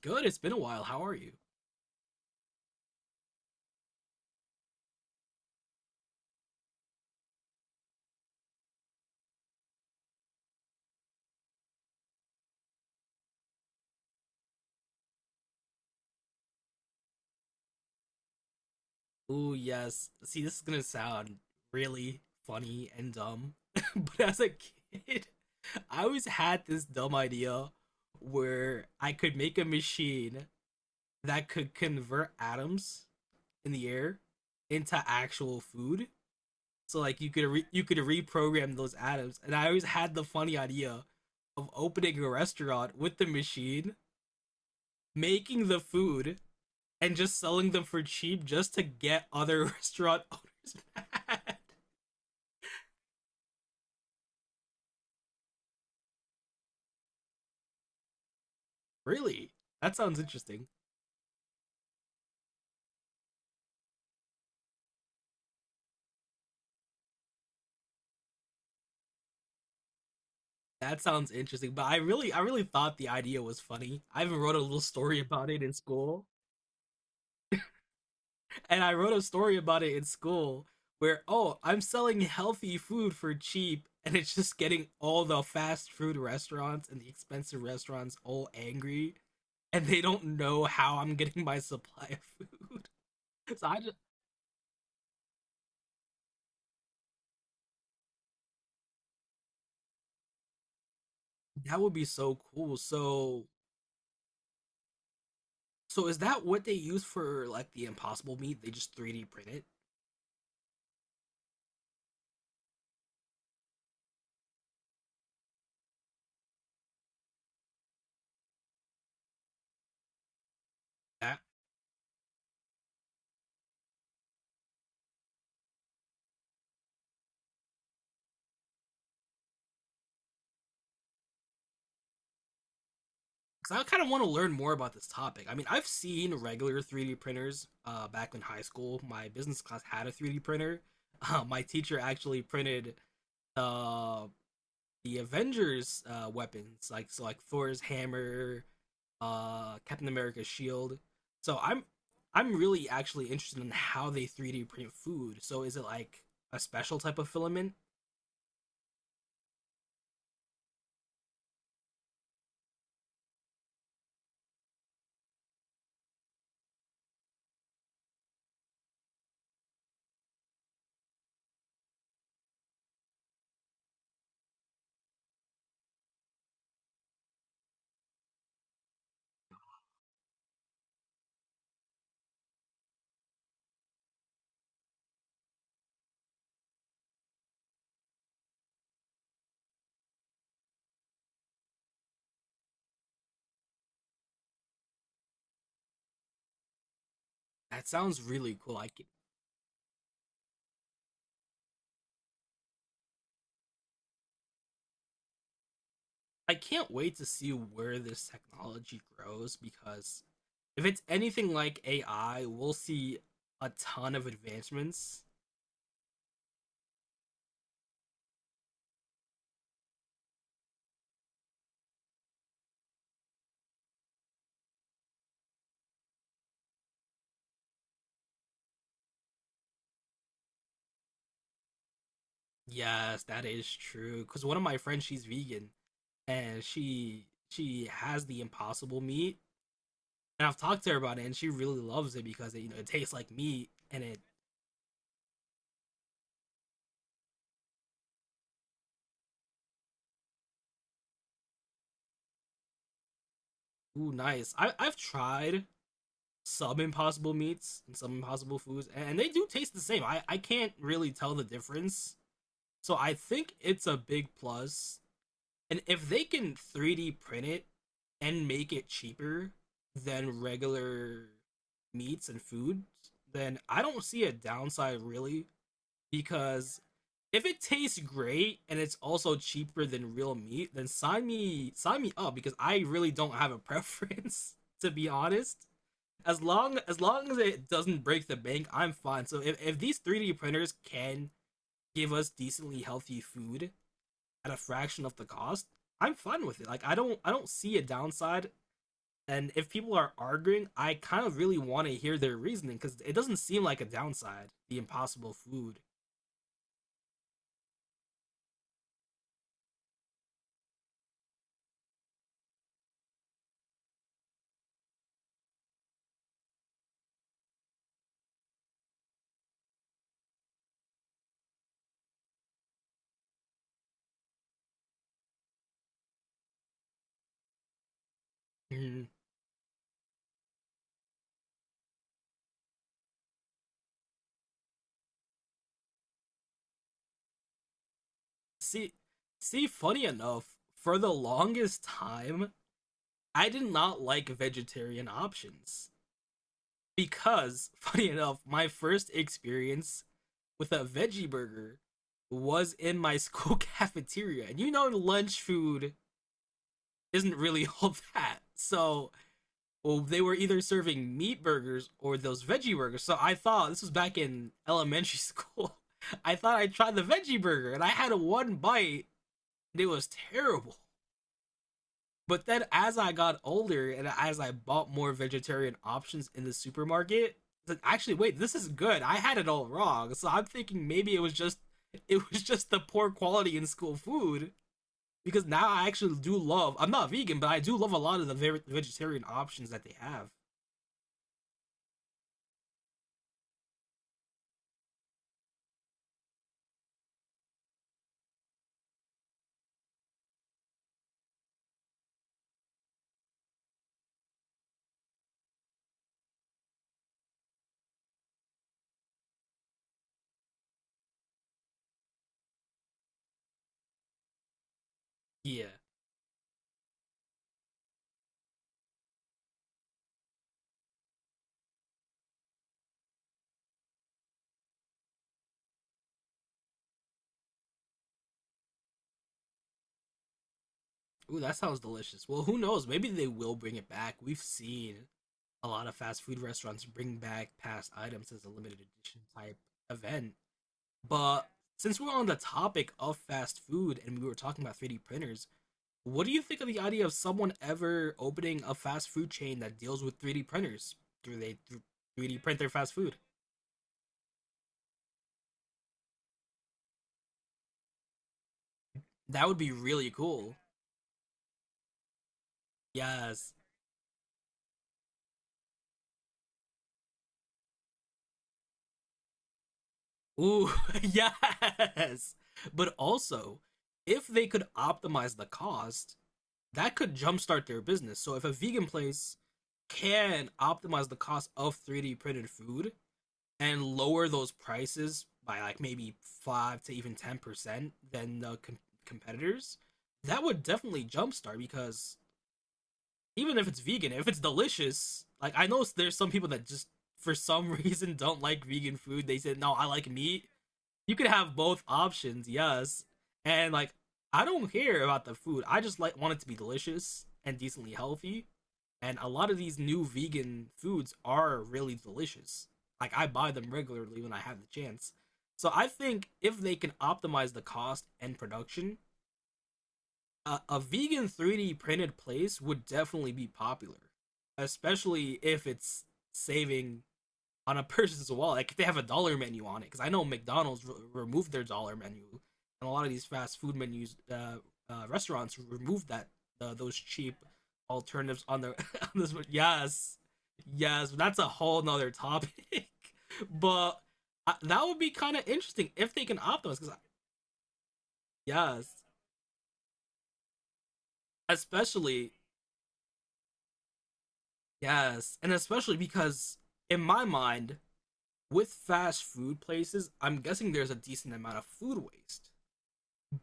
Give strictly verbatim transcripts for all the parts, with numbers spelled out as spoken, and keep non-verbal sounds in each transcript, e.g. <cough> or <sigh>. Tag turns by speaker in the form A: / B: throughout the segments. A: Good. It's been a while. How are you? Ooh, yes. See, this is gonna sound really funny and dumb, <laughs> but as a kid, I always had this dumb idea where I could make a machine that could convert atoms in the air into actual food. So like you could re- you could reprogram those atoms, and I always had the funny idea of opening a restaurant with the machine, making the food, and just selling them for cheap just to get other <laughs> restaurant owners mad. Really? That sounds interesting. That sounds interesting. But I really I really thought the idea was funny. I even wrote a little story about it in school. And I wrote a story about it in school where oh, I'm selling healthy food for cheap and it's just getting all the fast food restaurants and the expensive restaurants all angry and they don't know how I'm getting my <laughs> supply of food. <laughs> So I just that would be so cool. So so is that what they use for like the impossible meat? They just three D print it? That because I kind of want to learn more about this topic. I mean, I've seen regular three D printers. Uh, back in high school, my business class had a three D printer. <laughs> Uh, my teacher actually printed uh, the Avengers uh, weapons, like so like Thor's hammer, uh, Captain America's shield. So I'm I'm really actually interested in how they three D print food. So is it like a special type of filament? That sounds really cool. I can. I can't wait to see where this technology grows because if it's anything like A I, we'll see a ton of advancements. Yes, that is true. Because one of my friends, she's vegan and she she has the impossible meat, and I've talked to her about it, and she really loves it because it, you know it tastes like meat and it ooh, nice. I I've tried some impossible meats and some impossible foods, and they do taste the same. I I can't really tell the difference. So I think it's a big plus. And if they can three D print it and make it cheaper than regular meats and foods, then I don't see a downside really because if it tastes great and it's also cheaper than real meat, then sign me sign me up because I really don't have a preference <laughs> to be honest. As long as long as it doesn't break the bank, I'm fine. So if, if these three D printers can give us decently healthy food at a fraction of the cost, I'm fine with it. Like I don't I don't see a downside. And if people are arguing, I kind of really want to hear their reasoning because it doesn't seem like a downside. The impossible food. Mhm. See, see, funny enough, for the longest time, I did not like vegetarian options because, <laughs> funny enough, my first experience with a veggie burger was in my <laughs> school cafeteria, and you know, lunch food isn't really <laughs> all that. So well, they were either serving meat burgers or those veggie burgers. So I thought this was back in elementary school. <laughs> I thought I tried the veggie burger and I had one bite and it was terrible. But then as I got older and as I bought more vegetarian options in the supermarket, like actually wait, this is good. I had it all wrong. So I'm thinking maybe it was just it was just the poor quality in school food because now I actually do love. I'm not vegan, but I do love a lot of the vegetarian options that they have. Yeah. Ooh, that sounds delicious. Well, who knows? Maybe they will bring it back. We've seen a lot of fast food restaurants bring back past items as a limited edition type event. But since we're on the topic of fast food and we were talking about three D printers, what do you think of the idea of someone ever opening a fast food chain that deals with three D printers? Do they three D print their fast food? That would be really cool. Yes. Ooh, <laughs> yes. But also, if they could optimize the cost, that could jumpstart their business. So if a vegan place can optimize the cost of three D printed food and lower those prices by like maybe five to even ten percent than the com- competitors, that would definitely jumpstart because even if it's vegan, if it's delicious, like I know there's some people that just for some <laughs> reason don't like vegan food. They said, "No, I like meat." You could have both options, yes. And like I don't care about the food. I just like want it to be delicious and decently healthy. And a lot of these new vegan foods are really delicious. Like I buy them regularly when I have the chance. So I think if they can optimize the cost and production, a, a vegan three D printed place would definitely be popular, especially if it's saving on a person's wall. Like if they have a dollar menu on it, because I know McDonald's re- removed their dollar menu, and a lot of these fast food menus, uh, uh, restaurants removed that uh, those cheap alternatives on their <laughs> on this. One. Yes, yes, that's a whole nother topic. <laughs> But uh, that would be kind of interesting if they can optimize. Because yes, especially yes, and especially because in my mind, with fast food places, I'm guessing there's a decent amount of food waste.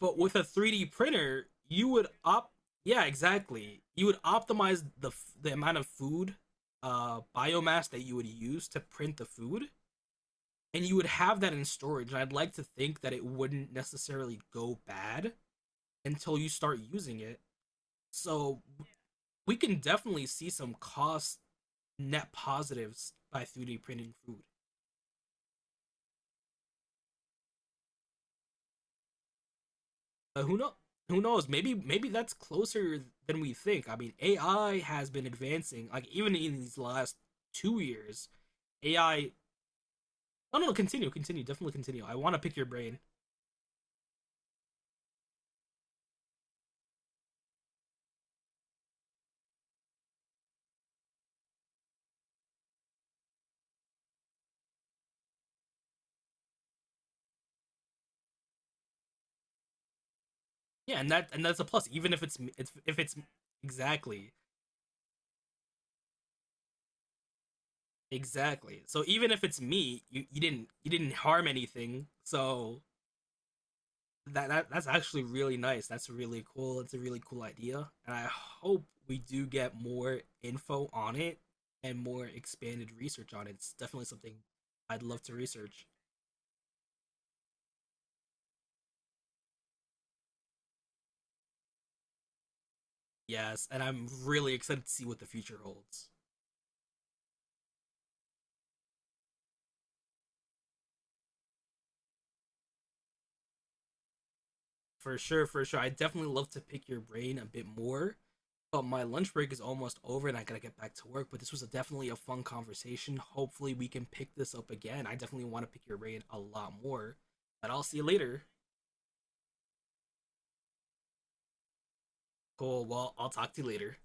A: But with a three D printer, you would op yeah, exactly. You would optimize the the amount of food uh biomass that you would use to print the food and you would have that in storage. And I'd like to think that it wouldn't necessarily go bad until you start using it. So we can definitely see some cost net positives by three D printing food. Uh, who know? Who knows? Maybe maybe that's closer than we think. I mean, A I has been advancing. Like even in these last two years, A I. No, no, no, continue, continue, definitely continue. I want to pick your brain. Yeah, and that and that's a plus. Even if it's it's if it's exactly exactly. So even if it's me, you, you didn't you didn't harm anything. So that, that that's actually really nice. That's really cool. It's a really cool idea, and I hope we do get more info on it and more expanded research on it. It's definitely something I'd love to research. Yes, and I'm really excited to see what the future holds. For sure, for sure. I definitely love to pick your brain a bit more. But my lunch break is almost over and I gotta get back to work. But this was a, definitely a fun conversation. Hopefully, we can pick this up again. I definitely want to pick your brain a lot more. But I'll see you later. Cool. Well, I'll talk to you later.